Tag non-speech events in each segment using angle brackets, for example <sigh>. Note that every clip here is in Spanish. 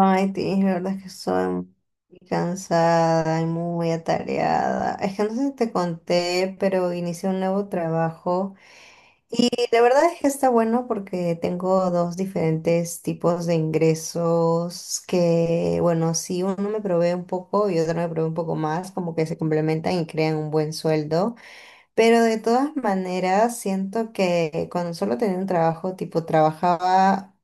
Ay, Tiff, la verdad es que soy muy cansada y muy atareada. Es que no sé si te conté, pero inicié un nuevo trabajo. Y la verdad es que está bueno porque tengo dos diferentes tipos de ingresos que, bueno, si uno me provee un poco y otro me provee un poco más, como que se complementan y crean un buen sueldo. Pero de todas maneras, siento que cuando solo tenía un trabajo, tipo trabajaba,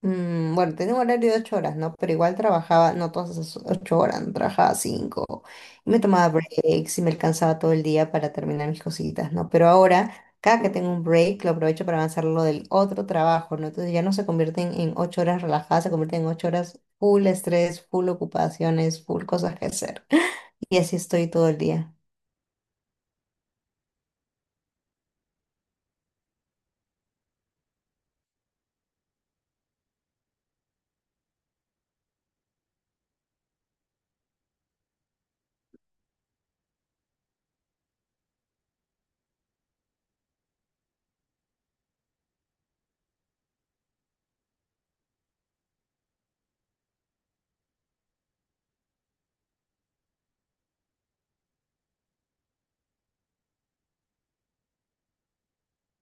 bueno, tenía un horario de 8 horas, ¿no? Pero igual trabajaba, no todas esas 8 horas, no trabajaba cinco. Y me tomaba breaks y me alcanzaba todo el día para terminar mis cositas, ¿no? Pero ahora, cada que tengo un break, lo aprovecho para avanzar lo del otro trabajo, ¿no? Entonces ya no se convierten en 8 horas relajadas, se convierten en ocho horas full estrés, full ocupaciones, full cosas que hacer. Y así estoy todo el día.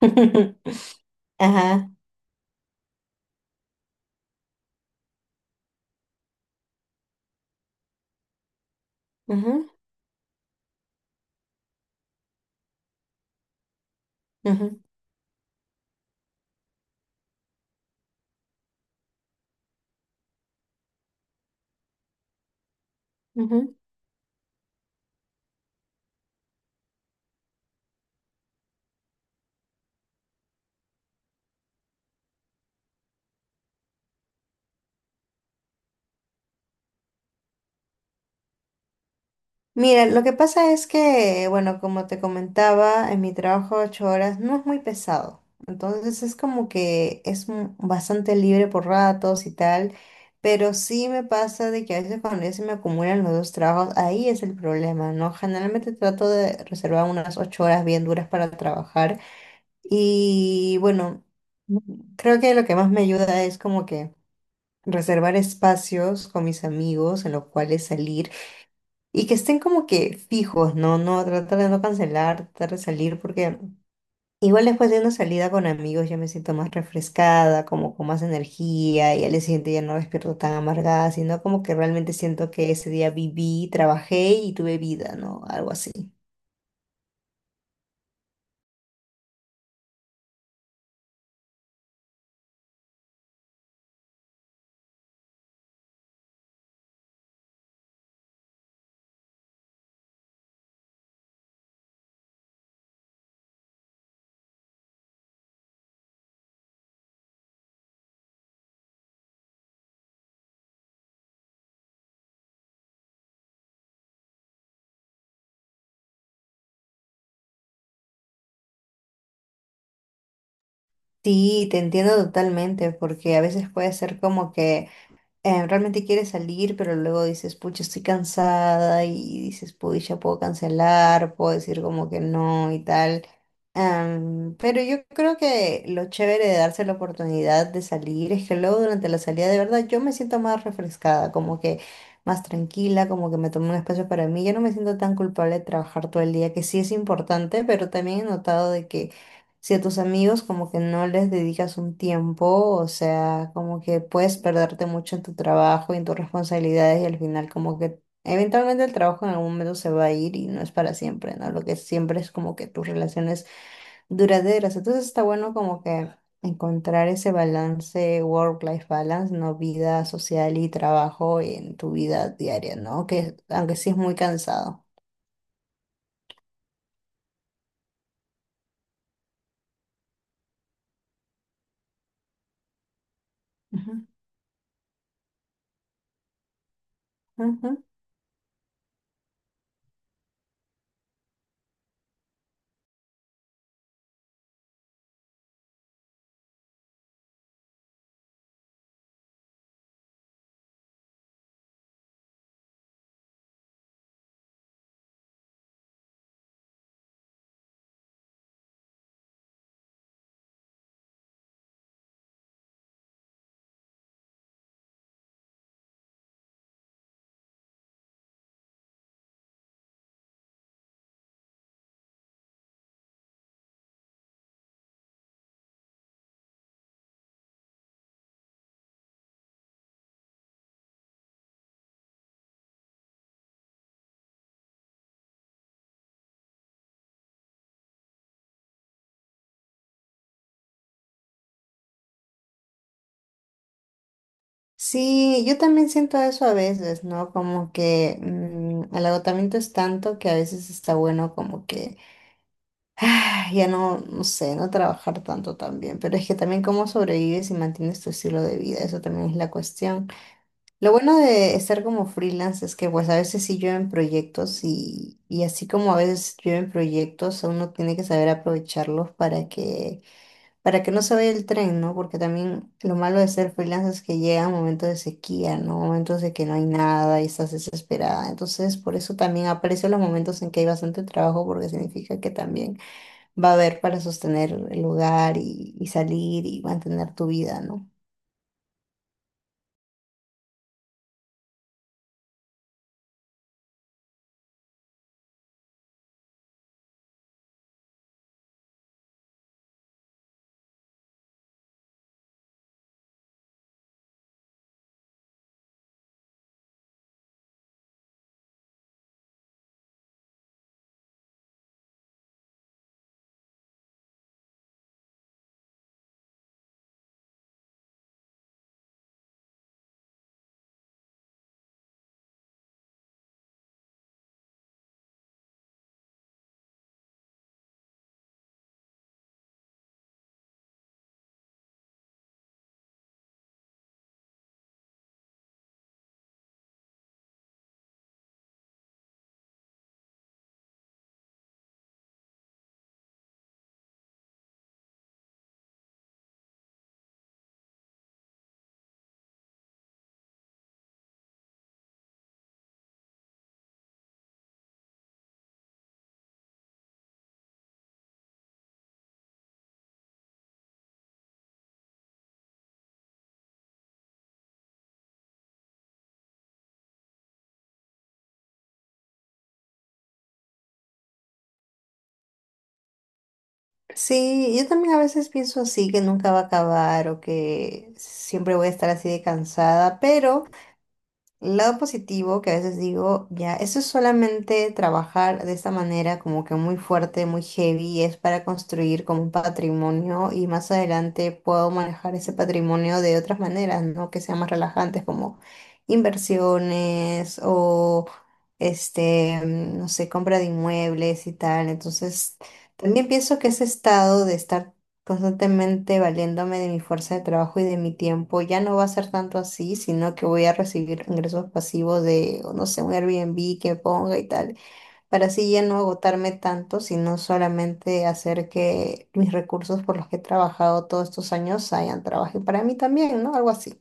<laughs> Ajá. Ujú, ujú. Mira, lo que pasa es que, bueno, como te comentaba, en mi trabajo 8 horas no es muy pesado. Entonces es como que bastante libre por ratos y tal. Pero sí me pasa de que a veces cuando ya se me acumulan los dos trabajos, ahí es el problema, ¿no? Generalmente trato de reservar unas 8 horas bien duras para trabajar. Y bueno, creo que lo que más me ayuda es como que reservar espacios con mis amigos en los cuales salir. Y que estén como que fijos, ¿no? No, tratar de no cancelar, tratar de salir, porque igual después de una salida con amigos ya me siento más refrescada, como con más energía, y al día siguiente ya no despierto tan amargada, sino como que realmente siento que ese día viví, trabajé y tuve vida, ¿no? Algo así. Sí, te entiendo totalmente, porque a veces puede ser como que realmente quieres salir, pero luego dices, pucha, estoy cansada y dices, pucha, puedo cancelar, puedo decir como que no y tal. Pero yo creo que lo chévere de darse la oportunidad de salir es que luego durante la salida de verdad yo me siento más refrescada, como que más tranquila, como que me tomo un espacio para mí. Ya no me siento tan culpable de trabajar todo el día, que sí es importante, pero también he notado de que si a tus amigos como que no les dedicas un tiempo, o sea, como que puedes perderte mucho en tu trabajo y en tus responsabilidades y al final como que eventualmente el trabajo en algún momento se va a ir y no es para siempre, ¿no? Lo que siempre es como que tus relaciones duraderas. Entonces está bueno como que encontrar ese balance, work-life balance, ¿no? Vida social y trabajo en tu vida diaria, ¿no? Que aunque sí es muy cansado. Ujú, ujú. Sí, yo también siento eso a veces, ¿no? Como que el agotamiento es tanto que a veces está bueno como que ah, ya no, no sé, no trabajar tanto también, pero es que también cómo sobrevives y mantienes tu estilo de vida, eso también es la cuestión. Lo bueno de estar como freelance es que pues a veces sí llueven proyectos y así como a veces llueven proyectos, uno tiene que saber aprovecharlos para que no se vaya el tren, ¿no? Porque también lo malo de ser freelance es que llegan momentos de sequía, ¿no? Momentos de que no hay nada y estás desesperada. Entonces, por eso también aprecio los momentos en que hay bastante trabajo, porque significa que también va a haber para sostener el hogar y salir y mantener tu vida, ¿no? Sí, yo también a veces pienso así, que nunca va a acabar o que siempre voy a estar así de cansada, pero... El lado positivo que a veces digo, ya, eso es solamente trabajar de esta manera como que muy fuerte, muy heavy, es para construir como un patrimonio y más adelante puedo manejar ese patrimonio de otras maneras, ¿no? Que sean más relajantes como inversiones o este, no sé, compra de inmuebles y tal. Entonces, también pienso que ese estado de estar constantemente valiéndome de mi fuerza de trabajo y de mi tiempo. Ya no va a ser tanto así, sino que voy a recibir ingresos pasivos de, o no sé, un Airbnb que ponga y tal, para así ya no agotarme tanto, sino solamente hacer que mis recursos por los que he trabajado todos estos años hayan trabajo para mí también, ¿no? Algo así.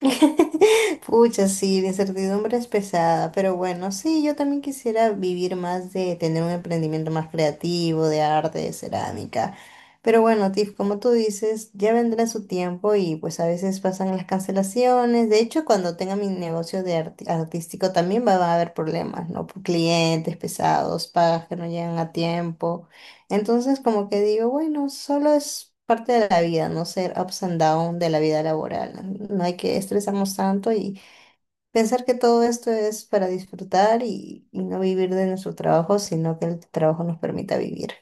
<laughs> Pucha, sí, la incertidumbre es pesada, pero bueno, sí, yo también quisiera vivir más de tener un emprendimiento más creativo, de arte, de cerámica. Pero bueno, Tiff, como tú dices, ya vendrá su tiempo y pues a veces pasan las cancelaciones. De hecho, cuando tenga mi negocio de artístico también va a haber problemas, ¿no? Por clientes pesados, pagas que no llegan a tiempo. Entonces, como que digo, bueno, solo es parte de la vida, no ser ups and down de la vida laboral. No hay que estresarnos tanto y pensar que todo esto es para disfrutar y no vivir de nuestro trabajo, sino que el trabajo nos permita vivir.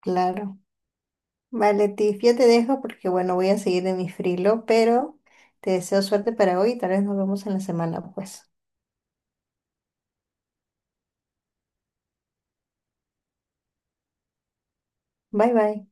Claro. Vale, Tiff, yo te dejo porque, bueno, voy a seguir en mi frilo, pero te deseo suerte para hoy y tal vez nos vemos en la semana, pues. Bye, bye.